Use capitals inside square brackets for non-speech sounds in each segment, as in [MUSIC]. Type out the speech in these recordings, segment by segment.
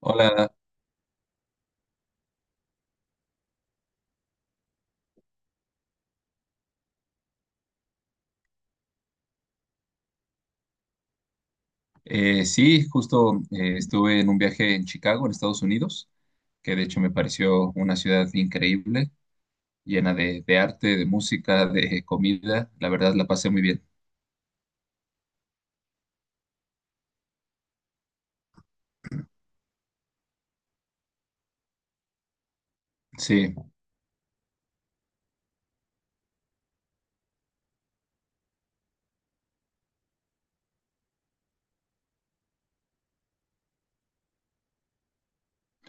Hola. Sí, justo Estuve en un viaje en Chicago, en Estados Unidos, que de hecho me pareció una ciudad increíble, llena de arte, de música, de comida. La verdad la pasé muy bien. Sí,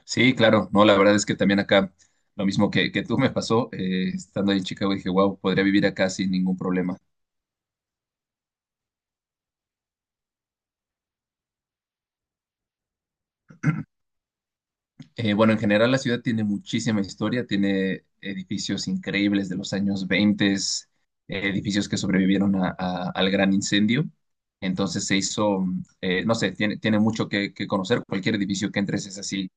sí, claro. No, la verdad es que también acá, lo mismo que tú me pasó, estando ahí en Chicago, dije, wow, podría vivir acá sin ningún problema. Bueno, en general la ciudad tiene muchísima historia, tiene edificios increíbles de los años 20, edificios que sobrevivieron al gran incendio. Entonces se hizo, no sé, tiene mucho que conocer. Cualquier edificio que entres es así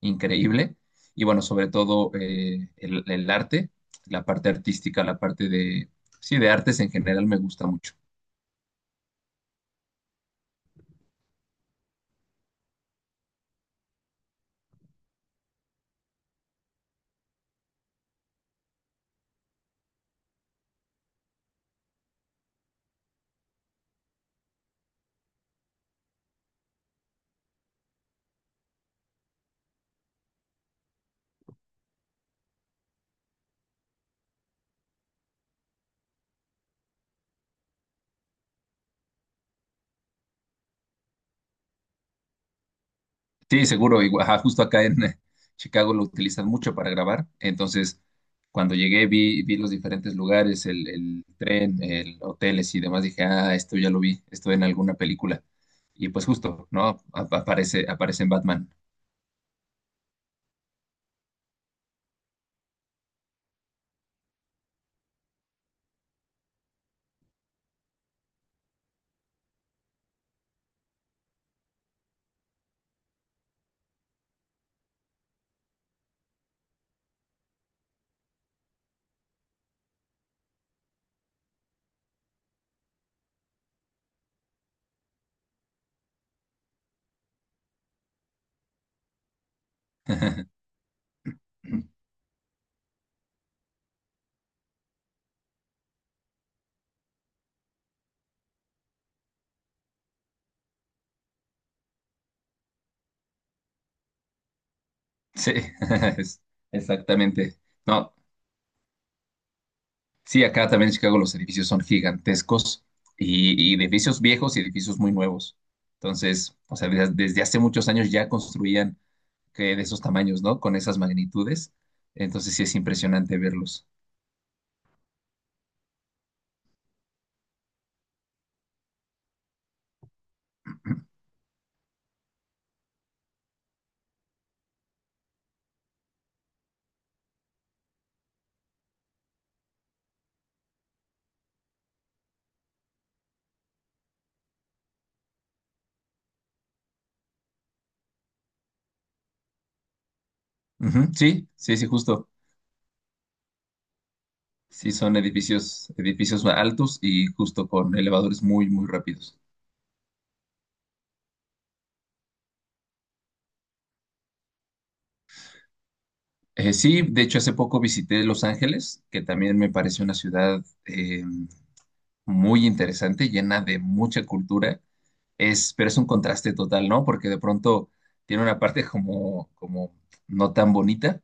increíble. Y bueno, sobre todo el arte, la parte artística, la parte de, sí, de artes en general me gusta mucho. Sí, seguro. Igual, ajá, justo acá en Chicago lo utilizan mucho para grabar. Entonces, cuando llegué vi los diferentes lugares, el tren, el hoteles y demás. Dije, ah, esto ya lo vi, esto en alguna película. Y pues justo, ¿no? Aparece en Batman. [LAUGHS] Sí, [LAUGHS] es- exactamente. No, sí, acá también en Chicago los edificios son gigantescos y edificios viejos y edificios muy nuevos. Entonces, o sea, desde hace muchos años ya construían que de esos tamaños, ¿no? Con esas magnitudes. Entonces sí es impresionante verlos. [CLEARS THROAT] Ujú. Sí, sí, sí, justo. Sí, son edificios, edificios altos y justo con elevadores muy, muy rápidos. Sí, de hecho, hace poco visité Los Ángeles, que también me parece una ciudad muy interesante, llena de mucha cultura, es, pero es un contraste total, ¿no? Porque de pronto tiene una parte como, como no tan bonita,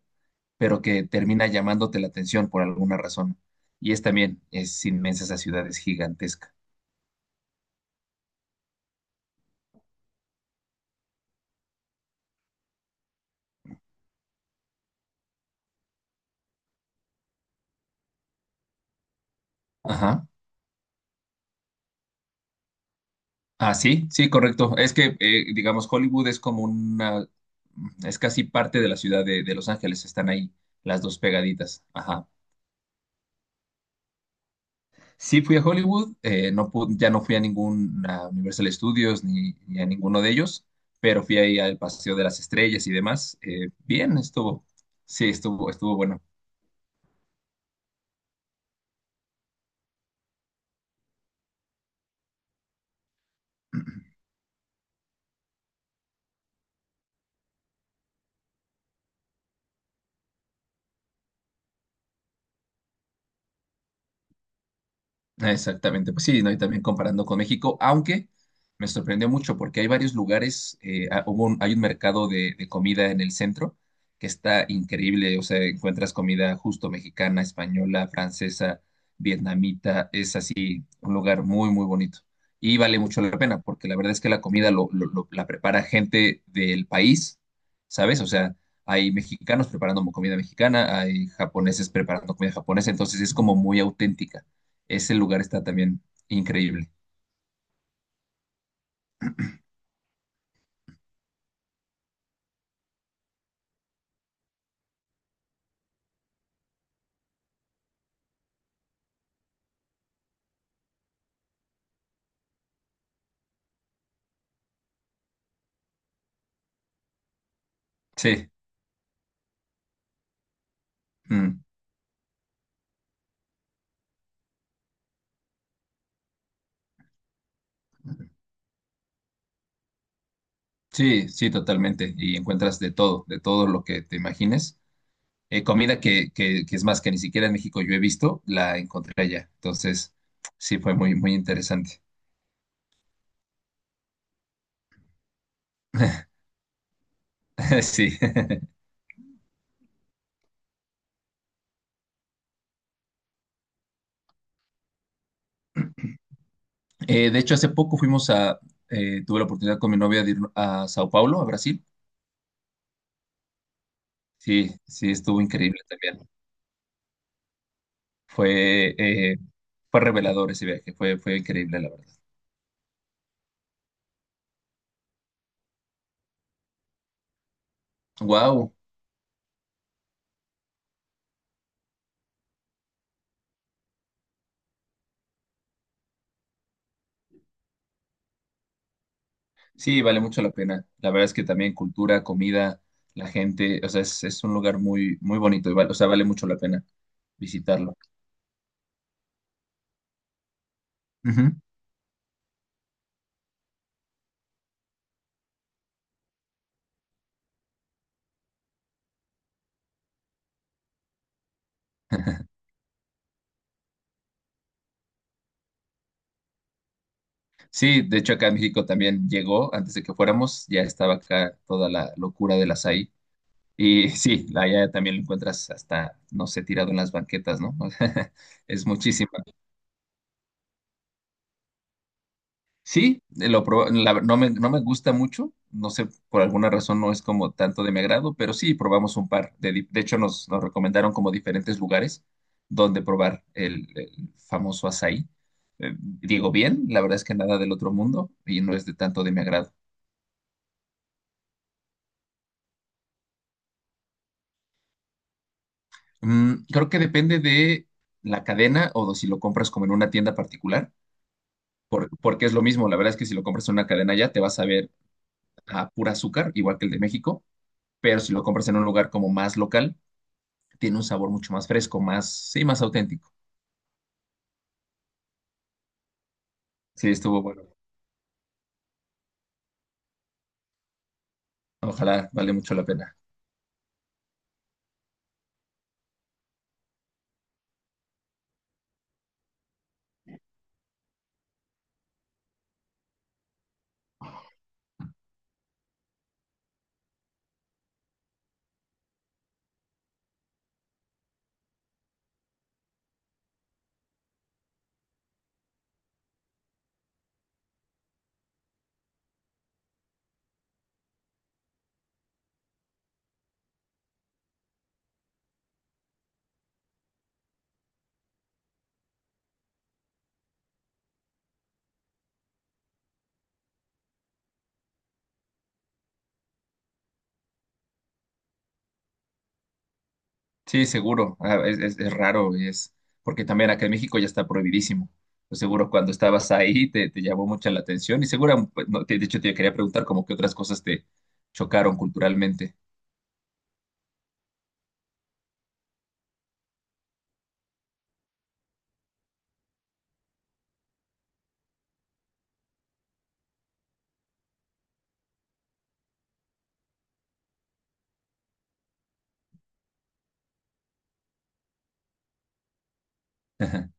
pero que termina llamándote la atención por alguna razón. Y es también, es inmensa esa ciudad, es gigantesca. Ajá. Ah, sí, sí, correcto. Es que, digamos, Hollywood es como una, es casi parte de la ciudad de Los Ángeles, están ahí las dos pegaditas. Ajá. Sí fui a Hollywood, ya no fui a ningún a Universal Studios ni a ninguno de ellos, pero fui ahí al Paseo de las Estrellas y demás. Bien, estuvo, sí, estuvo, estuvo bueno. Exactamente, pues sí, ¿no? Y también comparando con México, aunque me sorprendió mucho porque hay varios lugares, hay un mercado de comida en el centro que está increíble, o sea, encuentras comida justo mexicana, española, francesa, vietnamita, es así, un lugar muy, muy bonito. Y vale mucho la pena porque la verdad es que la comida la prepara gente del país, ¿sabes? O sea, hay mexicanos preparando comida mexicana, hay japoneses preparando comida japonesa, entonces es como muy auténtica. Ese lugar está también increíble. Sí, mm, sí, sí, totalmente. Y encuentras de todo lo que te imagines. Comida que es más que ni siquiera en México yo he visto, la encontré allá. Entonces, sí, fue muy, muy interesante. [LAUGHS] Sí. De hecho, hace poco fuimos a, tuve la oportunidad con mi novia de ir a Sao Paulo, a Brasil. Sí, sí, estuvo increíble también. Fue, fue revelador ese viaje, fue, fue increíble, la verdad. Wow. Sí, vale mucho la pena. La verdad es que también cultura, comida, la gente, o sea, es un lugar muy, muy bonito y o sea, vale mucho la pena visitarlo. Ujú. [LAUGHS] Sí, de hecho acá en México también llegó, antes de que fuéramos, ya estaba acá toda la locura del açaí. Y [LAUGHS] sí, allá también lo encuentras hasta, no sé, tirado en las banquetas, ¿no? [LAUGHS] Es muchísimo. Sí, lo proba- la- no me, no me gusta mucho, no sé, por alguna razón no es como tanto de mi agrado, pero sí probamos un par. De hecho, nos recomendaron como diferentes lugares donde probar el famoso açaí. Digo bien, la verdad es que nada del otro mundo y no es de tanto de mi agrado. Mm, creo que depende de la cadena o de si lo compras como en una tienda particular, porque es lo mismo. La verdad es que si lo compras en una cadena ya te vas a ver a pura azúcar, igual que el de México, pero si lo compras en un lugar como más local tiene un sabor mucho más fresco, más, sí, más auténtico. Sí, estuvo bueno. Ojalá, vale mucho la pena. Sí, seguro. Ah, es raro, es porque también acá en México ya está prohibidísimo. Pues seguro cuando estabas ahí te llamó mucho la atención y seguro, pues, no, de hecho, te quería preguntar como qué otras cosas te chocaron culturalmente. Ajá.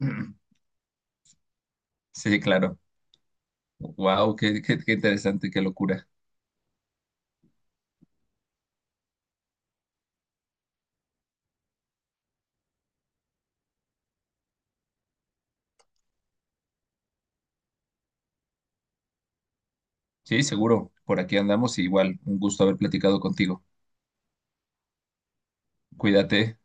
[CLEARS THROAT] Sí, claro. Wow, qué interesante, qué locura. Sí, seguro. Por aquí andamos y igual, un gusto haber platicado contigo. Cuídate.